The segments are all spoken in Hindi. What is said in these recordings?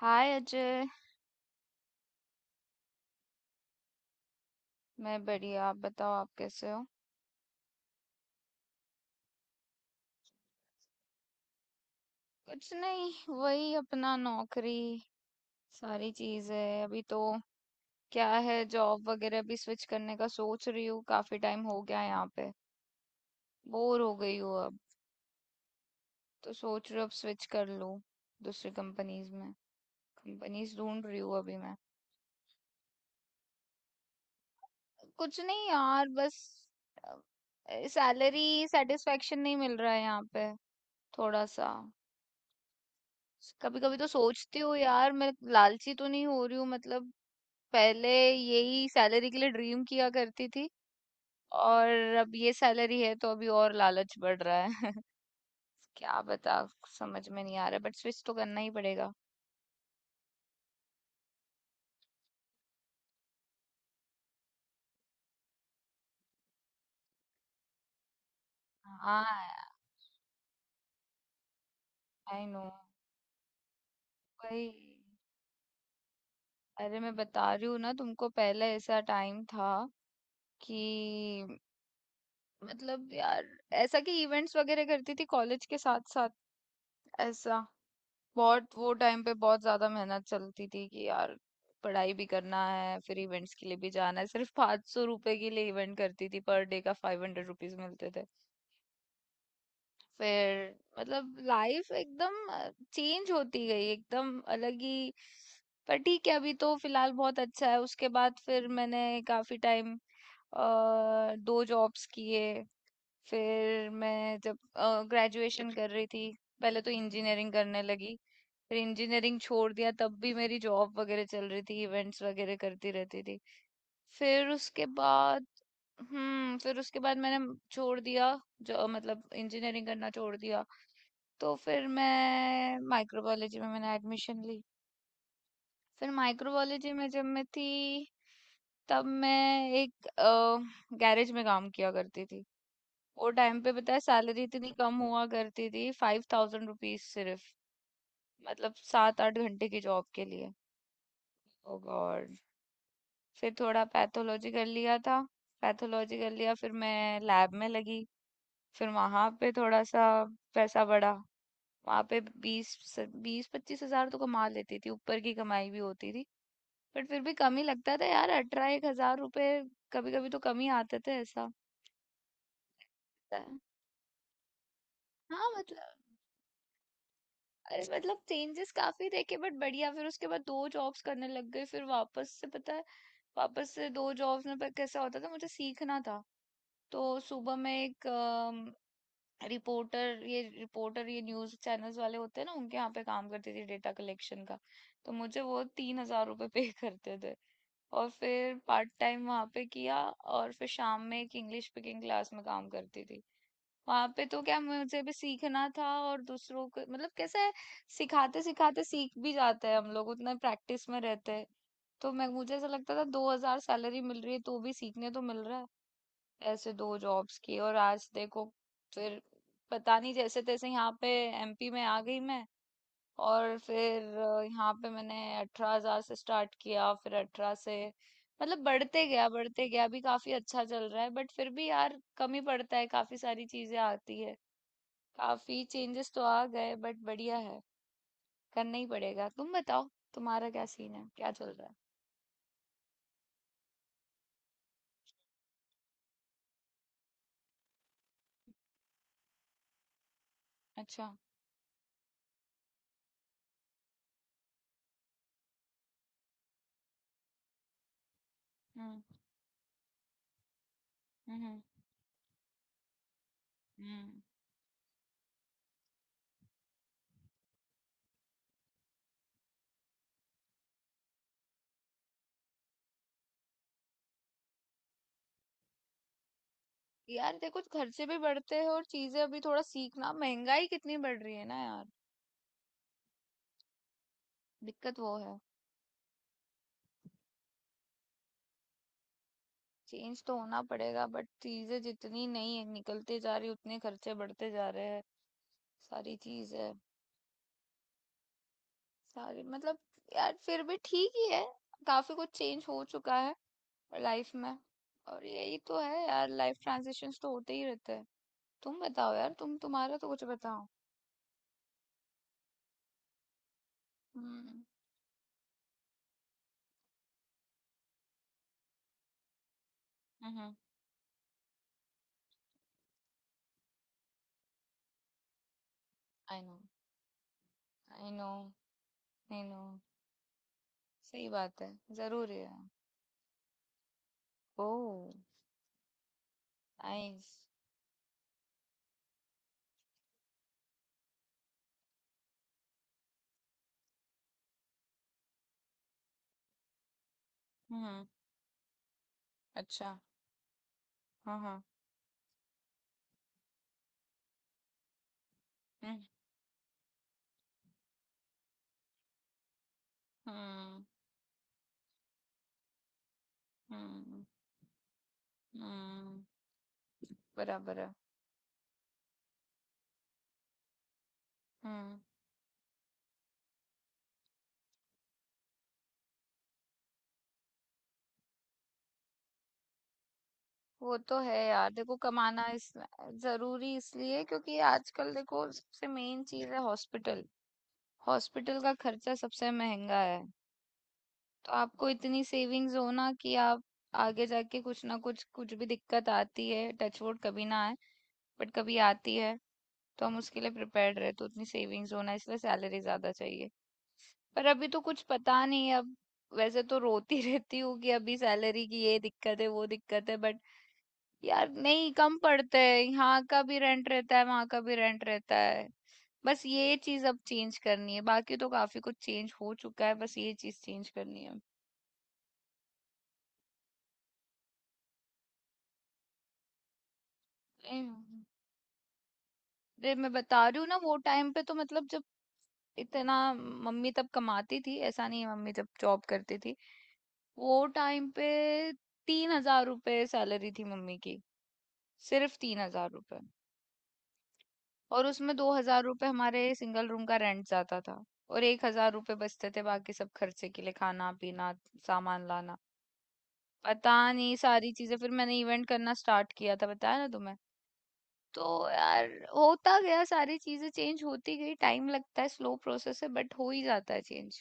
हाय अजय। मैं बढ़िया, आप बताओ आप कैसे हो। कुछ नहीं, वही अपना नौकरी। सारी चीज है अभी तो। क्या है, जॉब वगैरह भी स्विच करने का सोच रही हूँ, काफी टाइम हो गया यहाँ पे। बोर हो गई हूँ अब। तो सोच रही हूँ अब स्विच कर लूँ दूसरी कंपनीज में। कंपनीज ढूंढ रही हूँ अभी मैं। कुछ नहीं यार, बस सैलरी सेटिस्फेक्शन नहीं मिल रहा है यहाँ पे, थोड़ा सा। कभी कभी तो सोचती हूँ यार, मैं लालची तो नहीं हो रही हूँ, मतलब पहले यही सैलरी के लिए ड्रीम किया करती थी, और अब ये सैलरी है तो अभी और लालच बढ़ रहा है क्या बता, समझ में नहीं आ रहा, बट स्विच तो करना ही पड़ेगा। हाँ। I know. वही। अरे मैं बता रही हूँ ना तुमको, पहले ऐसा टाइम था कि मतलब यार, ऐसा कि इवेंट्स वगैरह करती थी कॉलेज के साथ साथ, ऐसा। बहुत वो टाइम पे बहुत ज्यादा मेहनत चलती थी कि यार पढ़ाई भी करना है, फिर इवेंट्स के लिए भी जाना है। सिर्फ 500 रुपए के लिए इवेंट करती थी, पर डे का 500 रुपीज मिलते थे। फिर मतलब लाइफ एकदम चेंज होती गई, एकदम अलग ही। पर ठीक है, अभी तो फिलहाल बहुत अच्छा है। उसके बाद फिर मैंने काफी टाइम दो जॉब्स किए। फिर मैं जब ग्रेजुएशन कर रही थी, पहले तो इंजीनियरिंग करने लगी, फिर इंजीनियरिंग छोड़ दिया। तब भी मेरी जॉब वगैरह चल रही थी, इवेंट्स वगैरह करती रहती थी। फिर उसके बाद फिर उसके बाद मैंने छोड़ दिया। जो मतलब इंजीनियरिंग करना छोड़ दिया, तो फिर मैं माइक्रोबायोलॉजी में मैंने एडमिशन ली। फिर माइक्रोबायोलॉजी में जब मैं थी, तब मैं एक गैरेज में काम किया करती थी। वो टाइम पे पता है सैलरी इतनी कम हुआ करती थी, 5000 रुपीज सिर्फ। मतलब 7-8 घंटे की जॉब के लिए। ओ गॉड। फिर थोड़ा पैथोलॉजी कर लिया था। पैथोलॉजी कर लिया फिर मैं लैब में लगी। फिर वहां पे थोड़ा सा पैसा बढ़ा। वहां पे बीस, 20-25 हजार तो कमा लेती थी, ऊपर की कमाई भी होती थी। बट फिर भी कम ही लगता था यार, अठारह एक हजार रुपए कभी कभी तो कम ही आते थे ऐसा। होता है। हाँ मतलब, अरे मतलब चेंजेस काफी देखे बट बढ़िया। फिर उसके बाद दो जॉब्स करने लग गए। फिर वापस से पता है, वापस से दो जॉब्स में पर कैसा होता था, मुझे सीखना था। तो सुबह में एक रिपोर्टर, ये रिपोर्टर ये न्यूज चैनल्स वाले होते हैं ना, उनके यहाँ पे काम करती थी डेटा कलेक्शन का। तो मुझे वो 3000 रुपये पे करते थे। और फिर पार्ट टाइम वहाँ पे किया। और फिर शाम में एक इंग्लिश स्पीकिंग क्लास में काम करती थी। वहां पे तो क्या मुझे भी सीखना था और दूसरों को मतलब कैसे है, सिखाते सिखाते सीख भी जाते हैं हम लोग, उतना प्रैक्टिस में रहते हैं। तो मैं मुझे ऐसा लगता था 2000 सैलरी मिल रही है तो भी सीखने तो मिल रहा है। ऐसे दो जॉब्स की और आज देखो, फिर पता नहीं जैसे तैसे यहाँ पे एमपी में आ गई मैं। और फिर यहाँ पे मैंने 18000 से स्टार्ट किया, फिर अठारह से मतलब बढ़ते गया बढ़ते गया, अभी काफी अच्छा चल रहा है बट फिर भी यार कमी पड़ता है, काफी सारी चीजें आती है। काफी चेंजेस तो आ गए बट बढ़िया है, करना ही पड़ेगा। तुम बताओ, तुम्हारा क्या सीन है, क्या चल रहा है। अच्छा। हम्म हम्म हम्म। यार देखो खर्चे भी बढ़ते हैं, और चीजें अभी थोड़ा सीखना, महंगाई कितनी बढ़ रही है ना यार, दिक्कत वो है। चेंज तो होना पड़ेगा बट चीजें जितनी नहीं है, निकलते जा रही, उतने खर्चे बढ़ते जा रहे हैं। सारी चीज है, सारी मतलब। यार फिर भी ठीक ही है, काफी कुछ चेंज हो चुका है और लाइफ में। और यही तो है यार, लाइफ ट्रांजिशंस तो होते ही रहते हैं। तुम बताओ यार, तुम्हारा तो कुछ बताओ। Hmm. Hmm. I know. I know. I know. सही बात है, जरूरी है। ओह। नाइस। हम्म। अच्छा। हाँ हाँ। हम्म। हम्म। हम्म। हम्म, बराबर है। हम्म। वो तो है यार, देखो कमाना इस जरूरी इसलिए क्योंकि आजकल देखो सबसे मेन चीज है हॉस्पिटल। हॉस्पिटल का खर्चा सबसे महंगा है। तो आपको इतनी सेविंग्स हो ना कि आप आगे जाके, कुछ ना कुछ, कुछ भी दिक्कत आती है, टच वुड कभी ना आए बट कभी आती है, तो हम उसके लिए प्रिपेयर्ड रहे, तो उतनी सेविंग्स होना, इसलिए सैलरी ज्यादा चाहिए। पर अभी तो कुछ पता नहीं है अब। वैसे तो रोती रहती हूँ कि अभी सैलरी की ये दिक्कत है वो दिक्कत है, बट यार नहीं, कम पड़ते हैं, यहाँ का भी रेंट रहता है, वहां का भी रेंट रहता है। बस ये चीज अब चेंज करनी है, बाकी तो काफी कुछ चेंज हो चुका है, बस ये चीज चेंज करनी है। अरे मैं बता रही हूँ ना, वो टाइम पे तो मतलब जब इतना मम्मी तब कमाती थी ऐसा नहीं है। मम्मी जब जॉब करती थी वो टाइम पे, 3000 रुपये सैलरी थी मम्मी की, सिर्फ 3000 रुपये। और उसमें 2000 रुपये हमारे सिंगल रूम का रेंट जाता था। और 1000 रुपये बचते थे बाकी सब खर्चे के लिए, खाना पीना, सामान लाना, पता नहीं सारी चीजें। फिर मैंने इवेंट करना स्टार्ट किया था, बताया ना तुम्हें। तो यार होता गया, सारी चीजें चेंज होती गई, टाइम लगता है, स्लो प्रोसेस है बट हो ही जाता है change.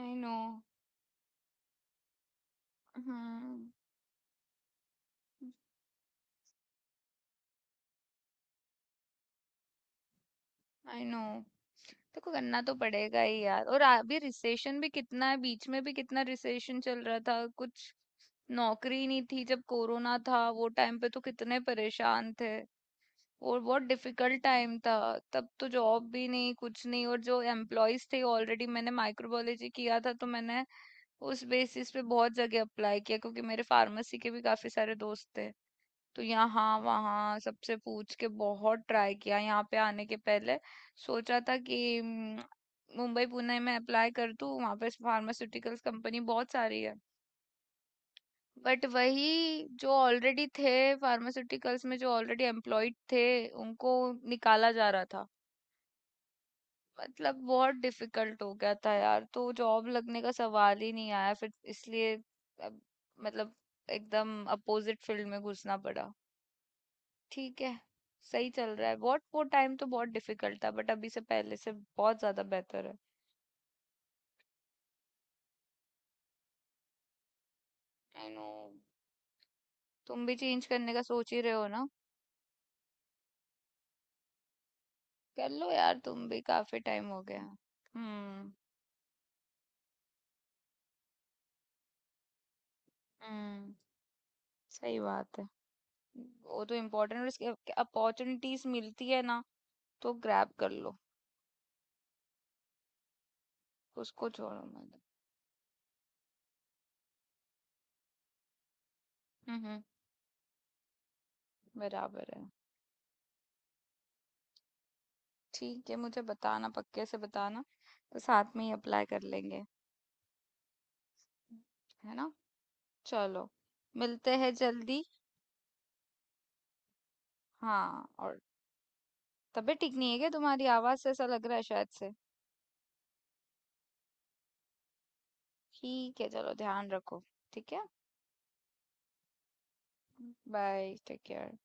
I know. Hmm. I know. देखो करना तो पड़ेगा ही यार, और अभी रिसेशन भी कितना है, बीच में भी कितना रिसेशन चल रहा था। कुछ नौकरी नहीं थी जब कोरोना था वो टाइम पे, तो कितने परेशान थे, और बहुत डिफिकल्ट टाइम था। तब तो जॉब भी नहीं, कुछ नहीं। और जो एम्प्लॉयज थे ऑलरेडी, मैंने माइक्रोबायोलॉजी किया था तो मैंने उस बेसिस पे बहुत जगह अप्लाई किया, क्योंकि मेरे फार्मेसी के भी काफी सारे दोस्त थे। तो यहाँ वहाँ सबसे पूछ के बहुत ट्राई किया यहाँ पे आने के पहले। सोचा था कि मुंबई पुणे में अप्लाई कर दूँ, वहाँ पे फार्मास्यूटिकल्स कंपनी बहुत सारी है। बट वही जो ऑलरेडी थे फार्मास्यूटिकल्स में, जो ऑलरेडी एम्प्लॉयड थे, उनको निकाला जा रहा था। मतलब बहुत डिफिकल्ट हो गया था यार, तो जॉब लगने का सवाल ही नहीं आया फिर, इसलिए अब मतलब एकदम अपोजिट फील्ड में घुसना पड़ा। ठीक है, सही चल रहा है बहुत। वो टाइम तो बहुत डिफिकल्ट था, बट अभी से पहले से बहुत ज्यादा बेहतर है। I know. तुम भी चेंज करने का सोच ही रहे हो ना, कर लो यार, तुम भी काफी टाइम हो गया। हम्म। हम्म। सही बात है। वो तो इम्पोर्टेंट, अपॉर्चुनिटीज मिलती है ना तो ग्रैब कर लो। उसको छोड़ो मत। हम्म। बराबर है। ठीक है, मुझे बताना, पक्के से बताना, तो साथ में ही अप्लाई कर लेंगे। है ना। चलो मिलते हैं जल्दी। हाँ, और तबीयत ठीक नहीं है क्या, तुम्हारी आवाज से ऐसा लग रहा है शायद से। ठीक है चलो, ध्यान रखो। ठीक है। Bye, take care.